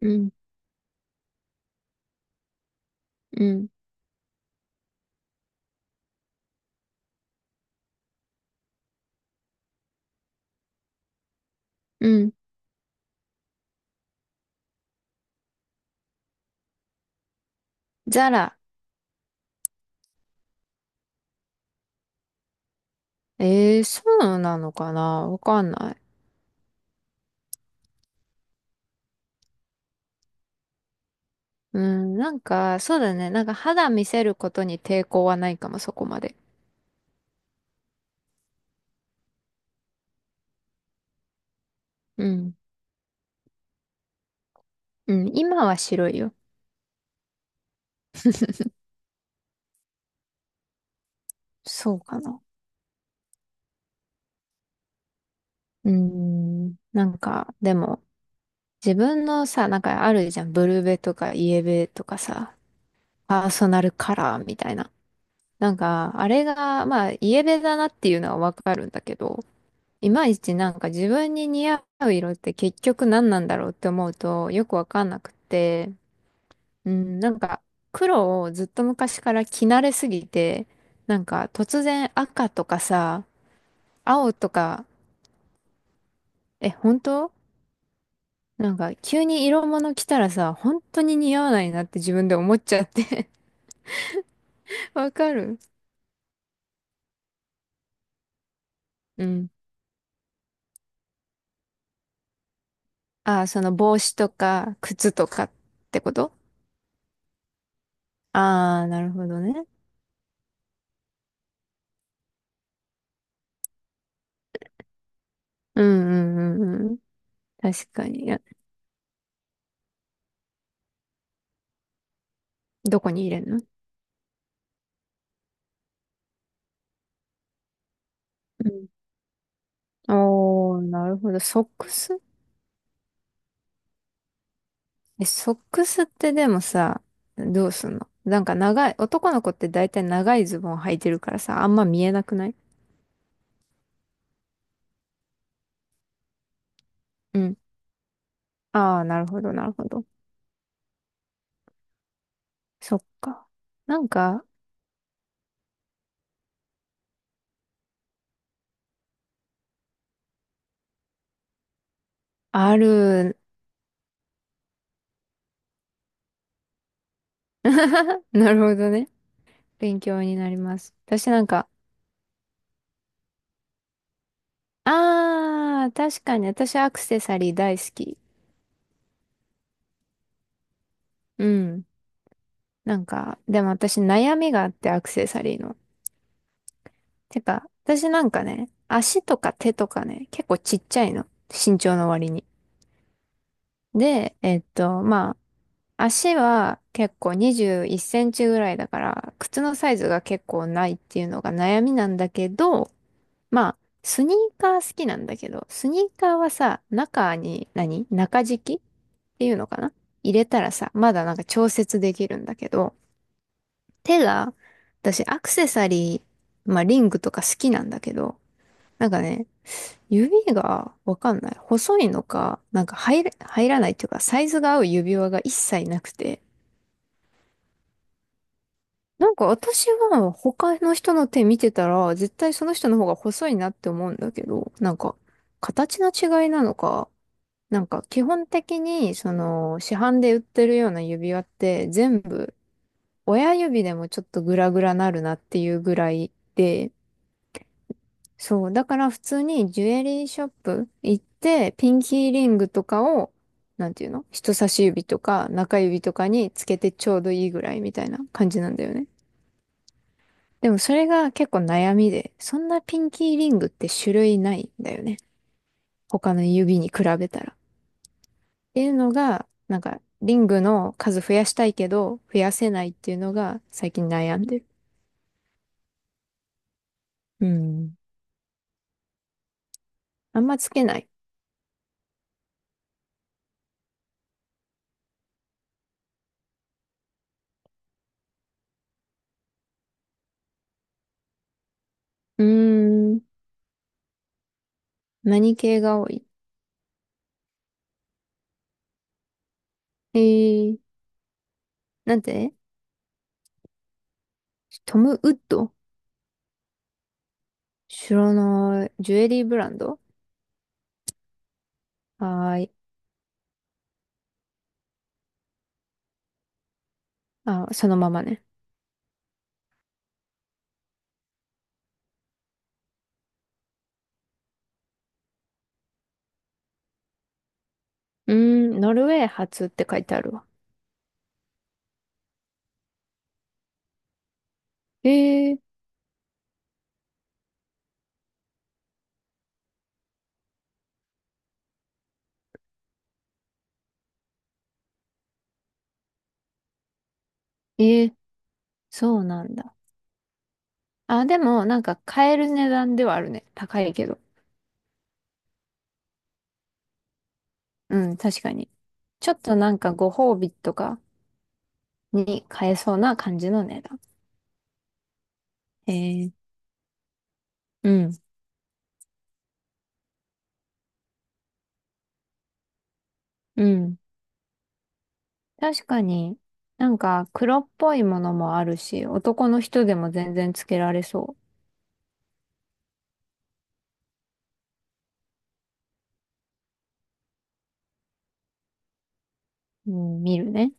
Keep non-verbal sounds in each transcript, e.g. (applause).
うん、うん、うん。ザラ。そうなのかな、わかんない。うん、なんか、そうだね。なんか肌見せることに抵抗はないかも、そこまで。うん、うん。今は白いよ。そうかな。うーん、なんか、でも、自分のさ、なんかあるじゃん。ブルベとかイエベとかさ、パーソナルカラーみたいな。なんか、あれが、まあ、イエベだなっていうのはわかるんだけど、いまいちなんか自分に似合う色って結局何なんだろうって思うとよくわかんなくて、うん、なんか黒をずっと昔から着慣れすぎて、なんか突然赤とかさ、青とか、え、本当？なんか急に色物着たらさ、本当に似合わないなって自分で思っちゃって。 (laughs) わかる。うん。ああ、その帽子とか靴とかってこと？ああー、なるほどね。うんうんうんうん。確かに。いや、どこに入れんの？うん。おー、なるほど。ソックス？え、ソックスってでもさ、どうすんの？なんか長い、男の子って大体長いズボン履いてるからさ、あんま見えなくない？うん。ああ、なるほど、なるほど。そっか。なんか、ある。(laughs) なるほどね。勉強になります。私なんか、ああ、確かに私アクセサリー大好き。うん。なんか、でも私悩みがあってアクセサリーの。てか、私なんかね、足とか手とかね、結構ちっちゃいの。身長の割に。で、まあ、足は結構21センチぐらいだから、靴のサイズが結構ないっていうのが悩みなんだけど、まあ、スニーカー好きなんだけど、スニーカーはさ、中に中敷きっていうのかな、入れたらさ、まだなんか調節できるんだけど、手が、私アクセサリー、まあリングとか好きなんだけど、なんかね、指がわかんない。細いのか、なんか入らないっていうか、サイズが合う指輪が一切なくて。なんか私は他の人の手見てたら、絶対その人の方が細いなって思うんだけど、なんか、形の違いなのか、なんか基本的に、その、市販で売ってるような指輪って全部、親指でもちょっとグラグラなるなっていうぐらいで、そう。だから普通にジュエリーショップ行って、ピンキーリングとかを、なんていうの、人差し指とか中指とかにつけてちょうどいいぐらいみたいな感じなんだよね。でもそれが結構悩みで、そんなピンキーリングって種類ないんだよね。他の指に比べたら。っていうのが、なんか、リングの数増やしたいけど、増やせないっていうのが最近悩んでる。うん。あんまつけない。うーん。何系が多い？えー、なんて？トム・ウッド？知らない。ジュエリーブランド？はーい。あ、そのままね。うーん、ノルウェー発って書いてあるわ。えー、えー、そうなんだ。あ、でも、なんか買える値段ではあるね。高いけど。うん、確かに。ちょっとなんかご褒美とかに買えそうな感じの値段。えー、うん、うん。確かに、なんか黒っぽいものもあるし、男の人でも全然つけられそう。うん、見るね。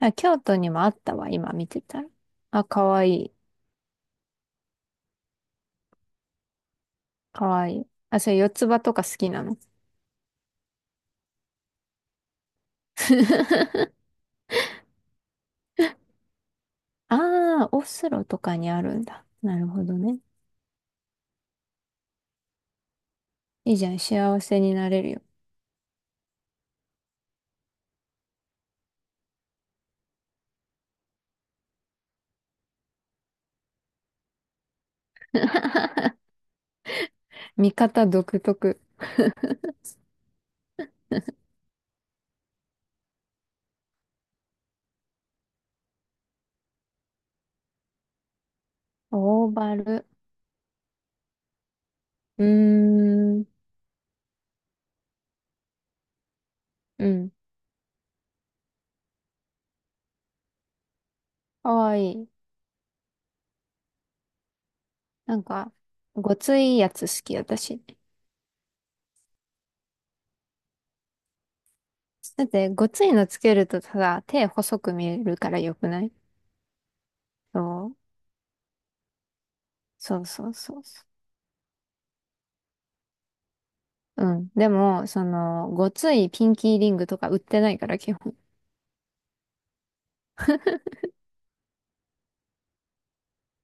あ、京都にもあったわ、今見てたら。あ、かわいい。かわいい。あ、それ四つ葉とか好きなの？(laughs) ああ、オスロとかにあるんだ。なるほどね。いいじゃん、幸せになれるよ。見方独特。オーバル。うーん、うん。かわいい。なんか、ごついやつ好き、私。だって、ごついのつけるとただ手細く見えるからよくない？そう、そうそうそうそう。うん。でも、その、ごついピンキーリングとか売ってないから、基本。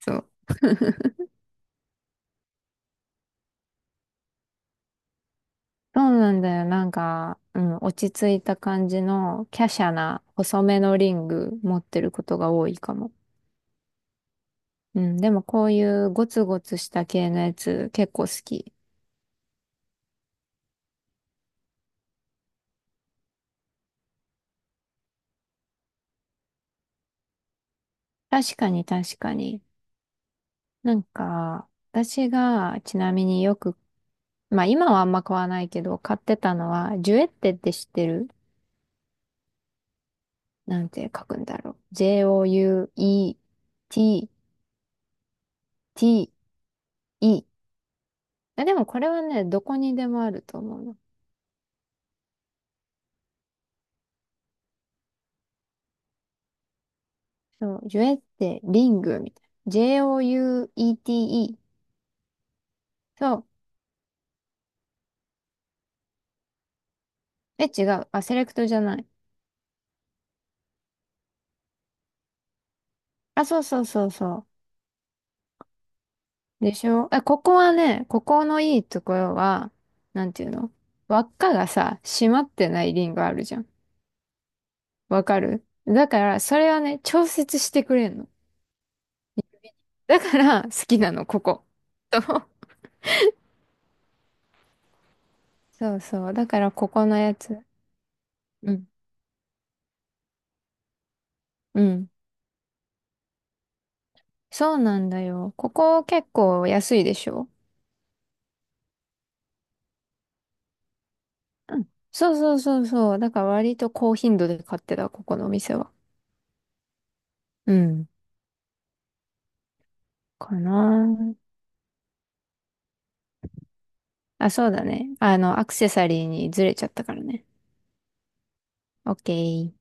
そう。そうなんだよ。なんか、うん、落ち着いた感じの、華奢な、細めのリング持ってることが多いかも。うん。でも、こういうゴツゴツした系のやつ、結構好き。確かに、確かに。なんか、私が、ちなみによく、まあ、今はあんま買わないけど、買ってたのは、ジュエッテって知ってる？なんて書くんだろう。Jouett、 いい。あ、でもこれはね、どこにでもあると思うの。そう、ジュエってリングみたいな。Jouete。そう。え、違う。あ、セレクトじゃない。あ、そうそうそうそう。でしょ？え、ここはね、ここのいいところは、なんていうの、輪っかがさ、閉まってないリングあるじゃん。わかる？だから、それはね、調節してくれんの。だから、好きなの、ここ。そうそう。だから、ここのやつ。うん。うん。そうなんだよ。ここ結構安いでしょ？うん、そうそうそうそう。だから割と高頻度で買ってた、ここのお店は。うん。かなあ。あ、そうだね。アクセサリーにずれちゃったからね。オッケー。